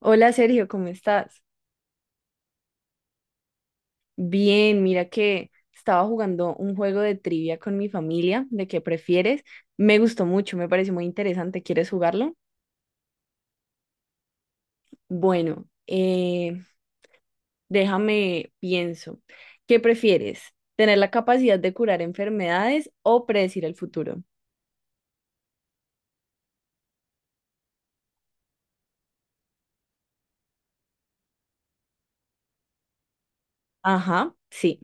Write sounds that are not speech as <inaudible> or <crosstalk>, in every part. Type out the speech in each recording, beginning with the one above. Hola Sergio, ¿cómo estás? Bien, mira que estaba jugando un juego de trivia con mi familia, de qué prefieres. Me gustó mucho, me pareció muy interesante. ¿Quieres jugarlo? Bueno, déjame pienso. ¿Qué prefieres? ¿Tener la capacidad de curar enfermedades o predecir el futuro? Ajá, sí,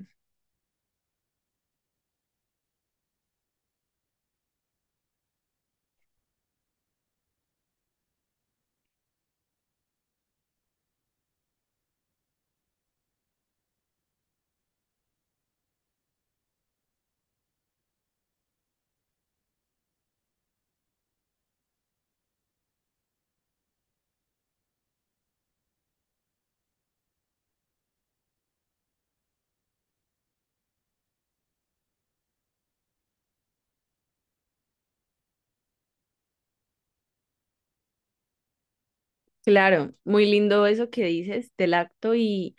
claro, muy lindo eso que dices del acto y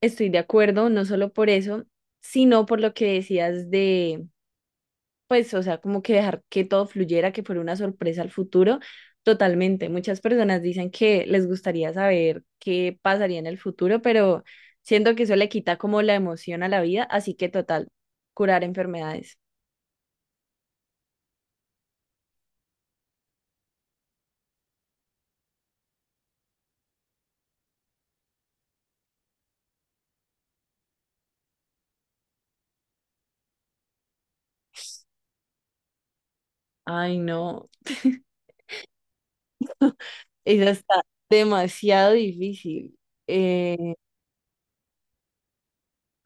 estoy de acuerdo, no solo por eso, sino por lo que decías pues, o sea, como que dejar que todo fluyera, que fuera una sorpresa al futuro. Totalmente. Muchas personas dicen que les gustaría saber qué pasaría en el futuro, pero siento que eso le quita como la emoción a la vida, así que total, curar enfermedades. Ay, no, eso está demasiado difícil. Eh,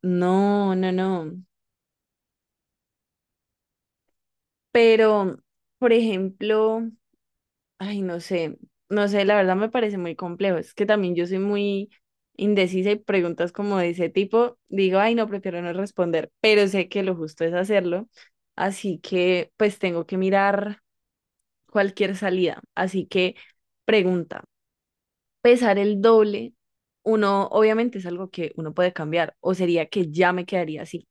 no, no, no. Pero, por ejemplo, ay, no sé, no sé, la verdad me parece muy complejo. Es que también yo soy muy indecisa y preguntas como de ese tipo, digo, ay, no, prefiero no responder, pero sé que lo justo es hacerlo, así que pues tengo que mirar cualquier salida. Así que pregunta, ¿pesar el doble? Uno, obviamente es algo que uno puede cambiar, o sería que ya me quedaría así.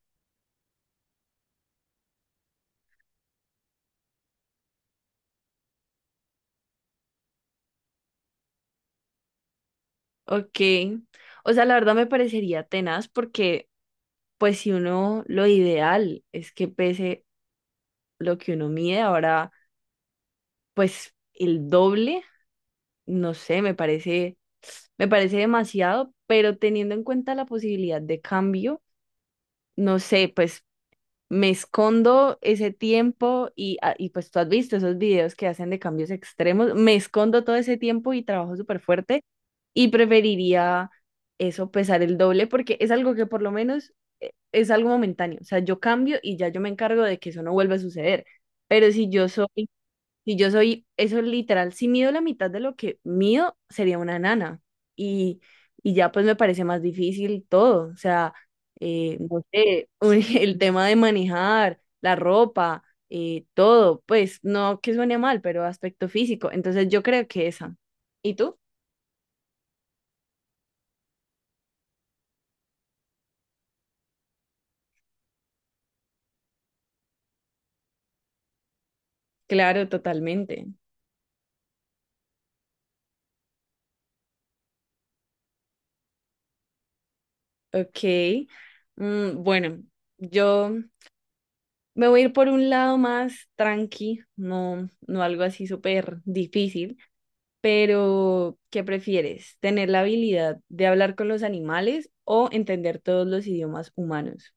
Ok, o sea, la verdad me parecería tenaz porque pues si uno, lo ideal es que pese lo que uno mide, ahora pues el doble, no sé, me parece demasiado, pero teniendo en cuenta la posibilidad de cambio, no sé, pues me escondo ese tiempo y, ah, y pues tú has visto esos videos que hacen de cambios extremos, me escondo todo ese tiempo y trabajo súper fuerte y preferiría eso, pesar el doble, porque es algo que por lo menos es algo momentáneo, o sea, yo cambio y ya yo me encargo de que eso no vuelva a suceder. Pero si yo soy Si yo soy, eso es literal, si mido la mitad de lo que mido, sería una nana. Y, y ya pues me parece más difícil todo. O sea, no sé, <laughs> el tema de manejar, la ropa, todo, pues no que suene mal, pero aspecto físico. Entonces yo creo que esa. ¿Y tú? Claro, totalmente. Ok. Mm, bueno, yo me voy a ir por un lado más tranqui, no, no algo así súper difícil. Pero, ¿qué prefieres? ¿Tener la habilidad de hablar con los animales o entender todos los idiomas humanos?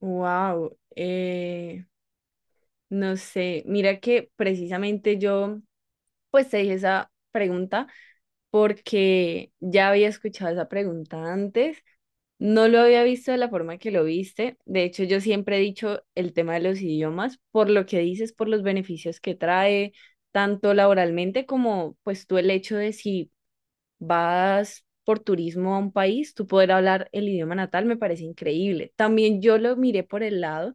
Wow, no sé, mira que precisamente yo pues te dije esa pregunta porque ya había escuchado esa pregunta antes, no lo había visto de la forma que lo viste, de hecho yo siempre he dicho el tema de los idiomas por lo que dices, por los beneficios que trae, tanto laboralmente como pues tú el hecho de si vas por turismo a un país, tú poder hablar el idioma natal me parece increíble. También yo lo miré por el lado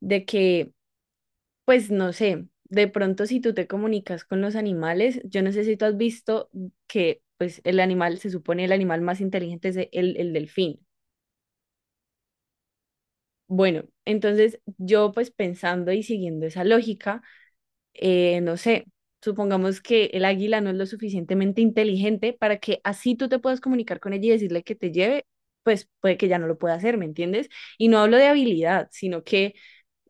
de que, pues no sé, de pronto si tú te comunicas con los animales, yo no sé si tú has visto que pues el animal, se supone el animal más inteligente es el delfín. Bueno, entonces yo pues pensando y siguiendo esa lógica, no sé, supongamos que el águila no es lo suficientemente inteligente para que así tú te puedas comunicar con ella y decirle que te lleve, pues puede que ya no lo pueda hacer, ¿me entiendes? Y no hablo de habilidad, sino que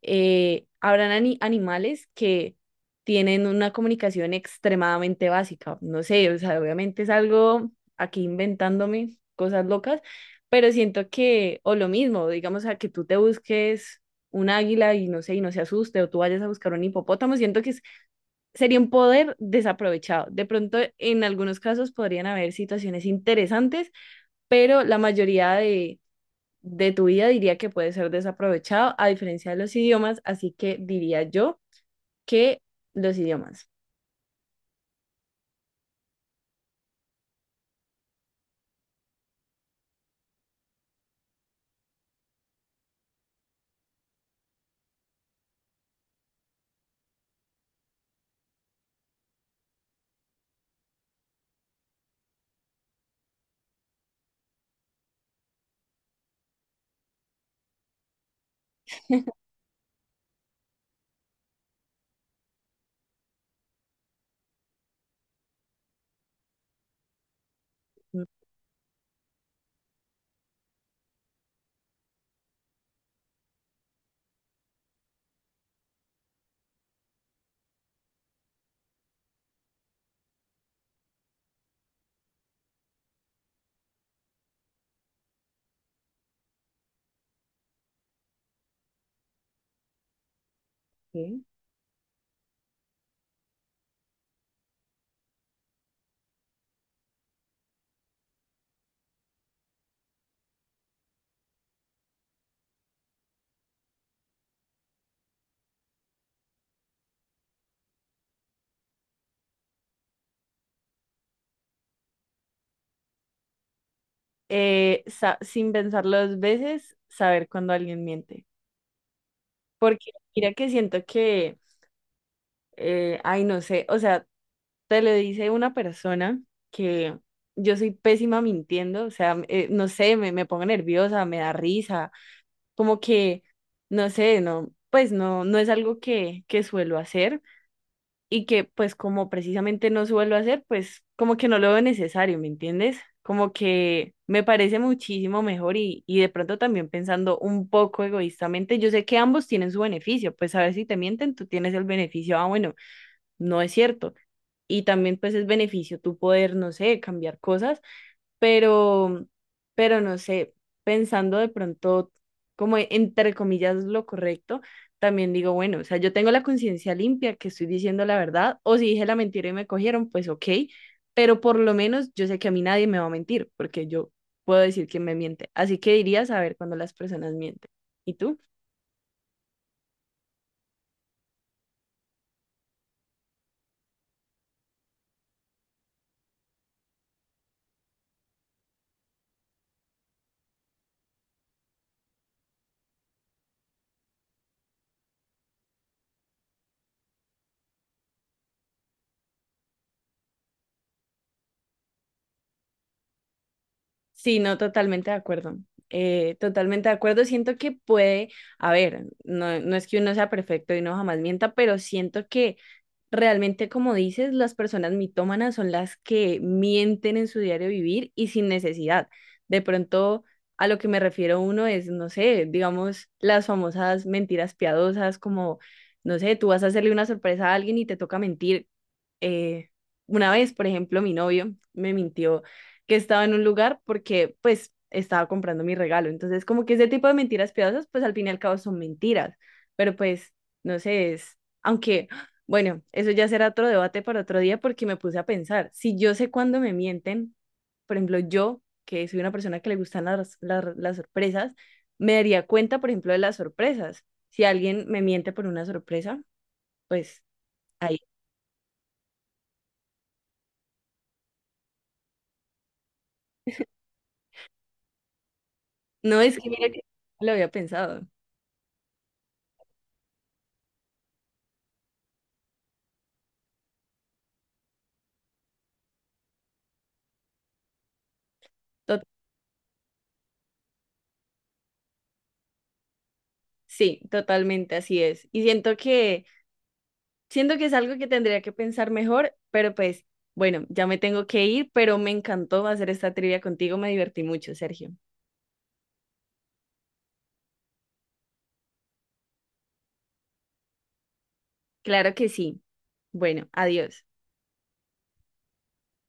habrán animales que tienen una comunicación extremadamente básica, no sé, o sea, obviamente es algo aquí inventándome cosas locas, pero siento que, o lo mismo, digamos, a que tú te busques un águila y no sé, y no se asuste, o tú vayas a buscar un hipopótamo, siento que sería un poder desaprovechado. De pronto, en algunos casos podrían haber situaciones interesantes, pero la mayoría de tu vida diría que puede ser desaprovechado, a diferencia de los idiomas, así que diría yo que los idiomas. Ok. Sin pensarlo dos veces, saber cuando alguien miente. Porque mira que siento que, ay, no sé, o sea, te lo dice una persona que yo soy pésima mintiendo, o sea, no sé, me pongo nerviosa, me da risa, como que, no sé, no, pues no, no es algo que suelo hacer y que pues como precisamente no suelo hacer, pues como que no lo veo necesario, ¿me entiendes? Como que me parece muchísimo mejor y de pronto también pensando un poco egoístamente, yo sé que ambos tienen su beneficio, pues a ver si te mienten, tú tienes el beneficio, ah, bueno no es cierto. Y también pues es beneficio tu poder, no sé, cambiar cosas, pero, pero no sé, pensando de pronto como entre comillas lo correcto, también digo, bueno, o sea, yo tengo la conciencia limpia que estoy diciendo la verdad, o si dije la mentira y me cogieron, pues ok, pero por lo menos yo sé que a mí nadie me va a mentir, porque yo puedo decir que me miente. Así que diría saber cuando las personas mienten. ¿Y tú? Sí, no, totalmente de acuerdo. Totalmente de acuerdo. Siento que puede, a ver, no, no es que uno sea perfecto y no jamás mienta, pero siento que realmente, como dices, las personas mitómanas son las que mienten en su diario vivir y sin necesidad. De pronto, a lo que me refiero uno es, no sé, digamos, las famosas mentiras piadosas, como, no sé, tú vas a hacerle una sorpresa a alguien y te toca mentir. Eh, una vez, por ejemplo, mi novio me mintió que estaba en un lugar porque, pues, estaba comprando mi regalo. Entonces, como que ese tipo de mentiras piadosas, pues, al fin y al cabo son mentiras. Pero, pues, no sé, es, aunque... Bueno, eso ya será otro debate para otro día porque me puse a pensar, si yo sé cuándo me mienten, por ejemplo, yo, que soy una persona que le gustan las sorpresas, me daría cuenta, por ejemplo, de las sorpresas. Si alguien me miente por una sorpresa, pues ahí. No es que mira que no lo había pensado. Tot- sí, totalmente así es. Y siento que es algo que tendría que pensar mejor, pero pues bueno, ya me tengo que ir, pero me encantó hacer esta trivia contigo, me divertí mucho, Sergio. Claro que sí. Bueno, adiós.